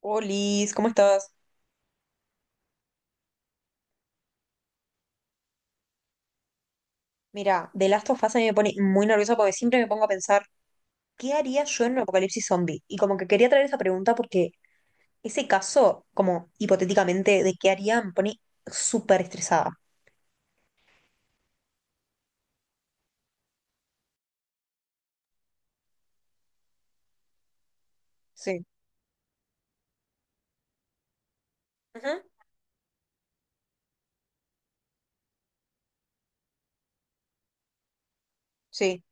Olis, ¿cómo estás? Mira, The Last of Us a mí me pone muy nerviosa porque siempre me pongo a pensar, ¿qué haría yo en un apocalipsis zombie? Y como que quería traer esa pregunta porque ese caso, como hipotéticamente, de qué haría, me pone súper estresada. Sí. Ujú. Sí.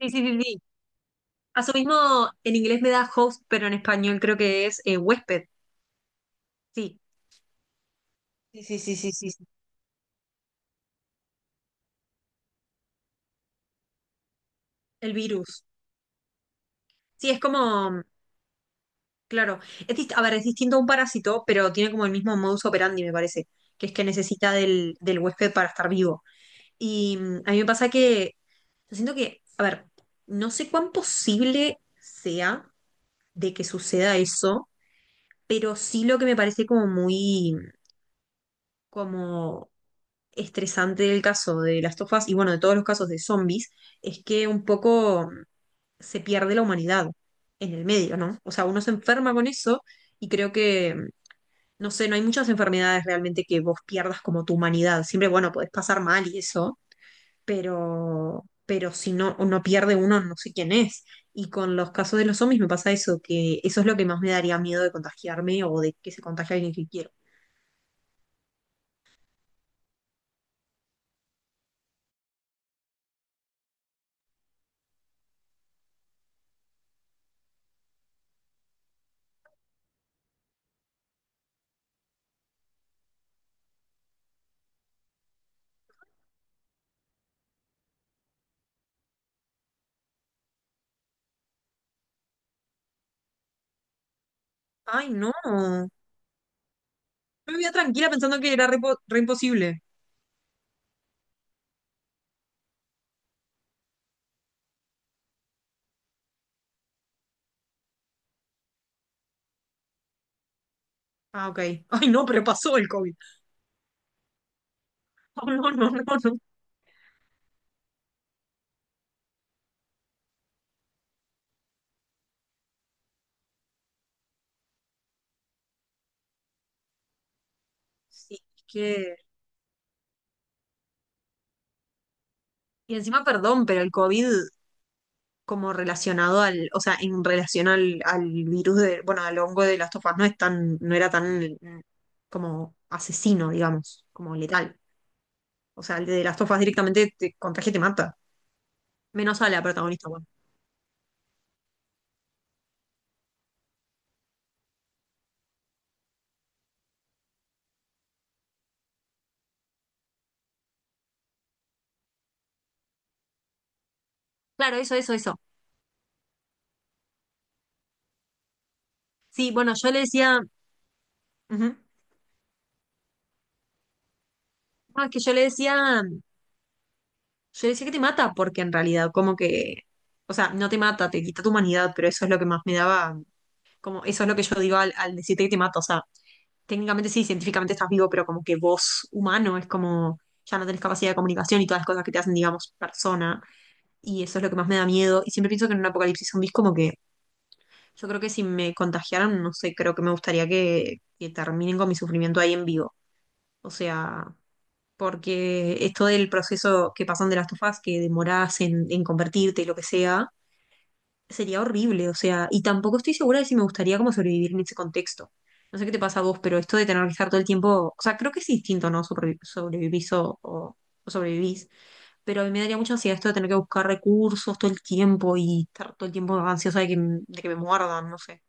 Sí, sí, sí, sí. A su mismo, en inglés me da host, pero en español creo que es huésped. Sí. Sí, sí, sí, sí, sí, sí. El virus. Sí, es como, claro. A ver, es distinto a un parásito, pero tiene como el mismo modus operandi, me parece, que es que necesita del huésped para estar vivo. Y a mí me pasa que yo siento que, a ver, no sé cuán posible sea de que suceda eso, pero sí lo que me parece como muy, como estresante del caso de las tofas y bueno, de todos los casos de zombies, es que un poco se pierde la humanidad en el medio, ¿no? O sea, uno se enferma con eso y creo que no sé, no hay muchas enfermedades realmente que vos pierdas como tu humanidad. Siempre, bueno, podés pasar mal y eso, pero si no, no pierde uno, no sé quién es. Y con los casos de los zombies me pasa eso, que eso es lo que más me daría miedo de contagiarme o de que se contagie alguien que quiero. Ay, no. Yo vivía tranquila pensando que era re imposible. Ah, ok. Ay, no, pero pasó el COVID. Oh, no, no, no, no. Sí, es que... Y encima, perdón, pero el COVID como relacionado al, o sea, en relación al virus de, bueno, al hongo de Last of Us no es tan, no era tan como asesino, digamos, como letal. O sea, el de Last of Us directamente te contagia y te mata. Menos a la protagonista, bueno. Claro, eso, eso, eso. Sí, bueno, yo le decía, ujú. No, es que yo le decía que te mata, porque en realidad como que, o sea, no te mata, te quita tu humanidad, pero eso es lo que más me daba, como, eso es lo que yo digo al decirte que te mata, o sea, técnicamente sí, científicamente estás vivo, pero como que vos, humano, es como ya no tenés capacidad de comunicación y todas las cosas que te hacen, digamos, persona. Y eso es lo que más me da miedo. Y siempre pienso que en un apocalipsis zombies como que yo creo que si me contagiaran, no sé, creo que me gustaría que terminen con mi sufrimiento ahí en vivo. O sea, porque esto del proceso que pasan de las tofas, que demorás en convertirte y lo que sea, sería horrible, o sea, y tampoco estoy segura de si me gustaría como sobrevivir en ese contexto. No sé qué te pasa a vos, pero esto de tener que estar todo el tiempo, o sea, creo que es distinto, ¿no? Sobrevivís o sobrevivís, pero a mí me daría mucha ansiedad esto de tener que buscar recursos todo el tiempo y estar todo el tiempo ansiosa de que, de que me muerdan, no sé.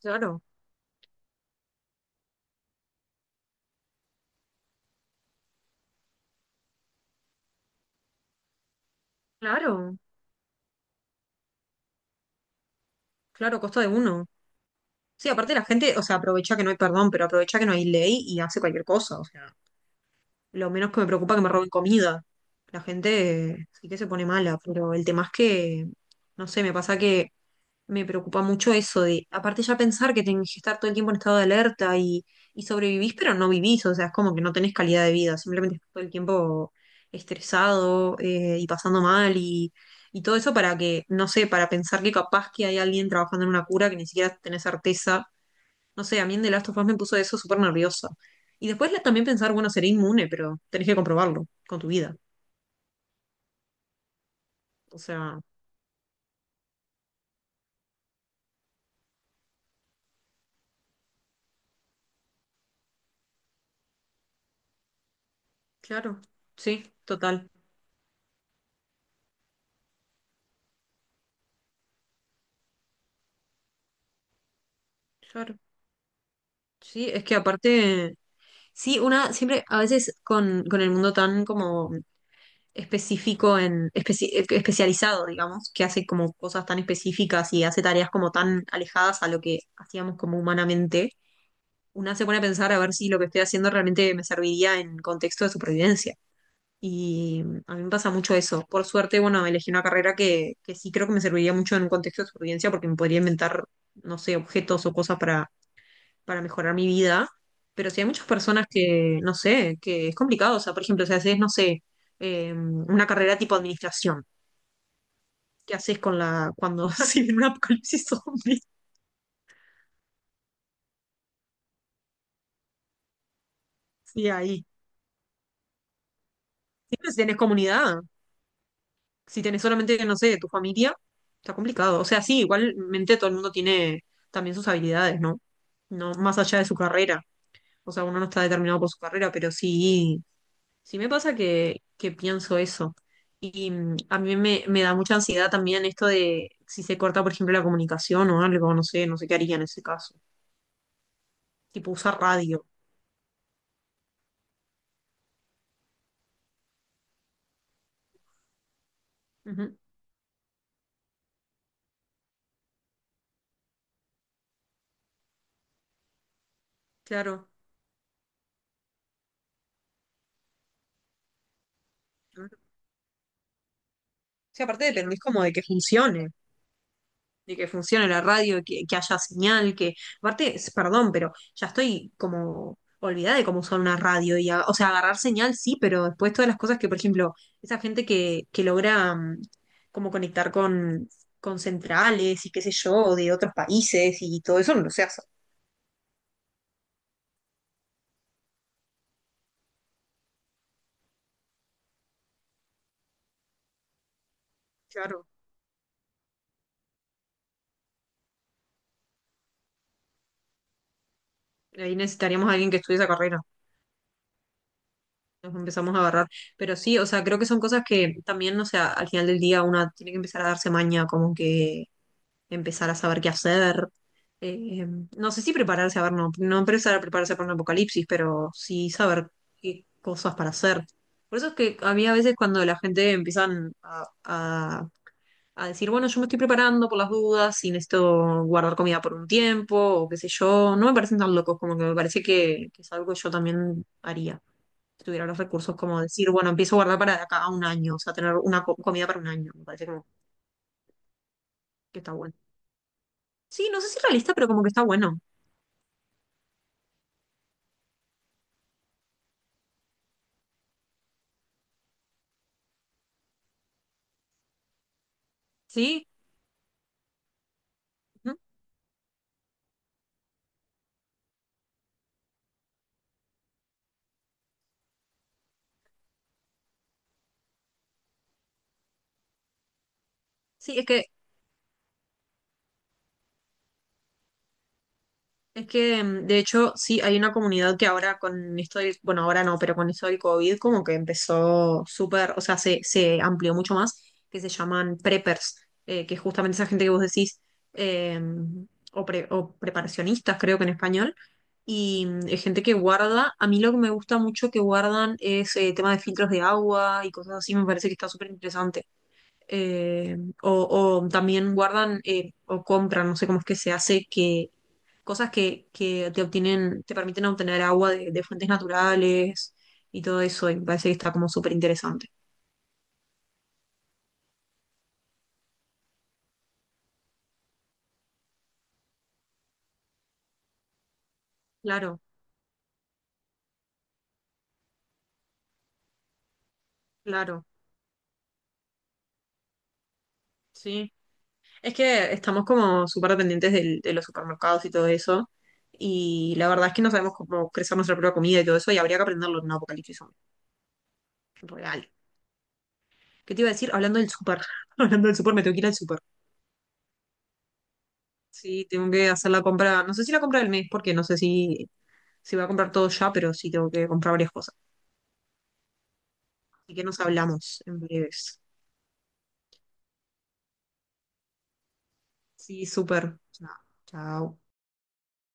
Claro, claro, claro, costa de uno. Sí, aparte la gente, o sea, aprovecha que no hay perdón, pero aprovecha que no hay ley y hace cualquier cosa, o sea. Lo menos que me preocupa que me roben comida. La gente sí que se pone mala, pero el tema es que, no sé, me pasa que me preocupa mucho eso de, aparte ya pensar que tenés que estar todo el tiempo en estado de alerta y sobrevivís, pero no vivís, o sea, es como que no tenés calidad de vida, simplemente estás todo el tiempo estresado y pasando mal y todo eso para que, no sé, para pensar que capaz que hay alguien trabajando en una cura que ni siquiera tenés certeza. No sé, a mí en The Last of Us me puso eso súper nerviosa. Y después también pensar, bueno, seré inmune, pero tenés que comprobarlo con tu vida. O sea, claro, sí, total. Claro. Sí, es que aparte, sí, una siempre, a veces con el mundo tan como específico en, especializado, digamos, que hace como cosas tan específicas y hace tareas como tan alejadas a lo que hacíamos como humanamente, una se pone a pensar a ver si lo que estoy haciendo realmente me serviría en contexto de supervivencia. Y a mí me pasa mucho eso. Por suerte, bueno, elegí una carrera que sí creo que me serviría mucho en un contexto de supervivencia porque me podría inventar, no sé, objetos o cosas para mejorar mi vida. Pero sí hay muchas personas que, no sé, que es complicado. O sea, por ejemplo, si haces, no sé, una carrera tipo administración, ¿qué haces con la, cuando se viene un apocalipsis zombie? Sí, ahí. Siempre si tenés comunidad. Si tenés solamente, no sé, tu familia, está complicado. O sea, sí, igualmente todo el mundo tiene también sus habilidades, ¿no? No, más allá de su carrera. O sea, uno no está determinado por su carrera, pero sí, sí me pasa que pienso eso. Y a mí me, me da mucha ansiedad también esto de si se corta, por ejemplo, la comunicación o algo, no sé, no sé qué haría en ese caso. Tipo, usar radio. Ujú, claro. O sea, aparte dependés como de que funcione. De que funcione la radio, que haya señal, que aparte, perdón, pero ya estoy como olvidada de cómo usar una radio y, o sea, agarrar señal sí, pero después todas las cosas que, por ejemplo, esa gente que logra como conectar con centrales y qué sé yo, de otros países y todo eso no se hace. Claro. Ahí necesitaríamos a alguien que estudie esa carrera. Nos empezamos a agarrar. Pero sí, o sea, creo que son cosas que también, o sea, al final del día una tiene que empezar a darse maña, como que empezar a saber qué hacer. Eh, no sé si prepararse, a ver, no, no empezar a prepararse para un apocalipsis, pero sí saber qué cosas para hacer. Por eso es que a mí a veces cuando la gente empiezan a decir, bueno, yo me estoy preparando por las dudas y necesito guardar comida por un tiempo o qué sé yo, no me parecen tan locos, como que me parece que es algo que yo también haría. Si tuviera los recursos, como decir, bueno, empiezo a guardar para de acá a un año, o sea, tener una comida para un año, me parece como que está bueno. Sí, no sé si realista, pero como que está bueno. Sí, ujú. Sí, es que de hecho sí hay una comunidad que ahora con esto del, bueno, ahora no, pero con esto del COVID como que empezó súper, o sea, se amplió mucho más, que se llaman preppers, que es justamente esa gente que vos decís, eh, o, o preparacionistas creo que en español, y es gente que guarda, a mí lo que me gusta mucho que guardan es tema de filtros de agua y cosas así, me parece que está súper interesante. eh, o, o también guardan o compran, no sé cómo es que se hace, que cosas que te obtienen, te permiten obtener agua de fuentes naturales y todo eso, y me parece que está como súper interesante. Claro, claro, sí. Es que estamos como súper dependientes de los supermercados y todo eso, y la verdad es que no sabemos cómo crecer nuestra propia comida y todo eso, y habría que aprenderlo en un apocalipsis zombie, real. ¿Qué te iba a decir? Hablando del súper, hablando del súper, me tengo que ir al súper. Sí, tengo que hacer la compra, no sé si la compra del mes, porque no sé si, si voy a comprar todo ya, pero sí tengo que comprar varias cosas. Así que nos hablamos en breves. Sí, súper. Chao. Chao.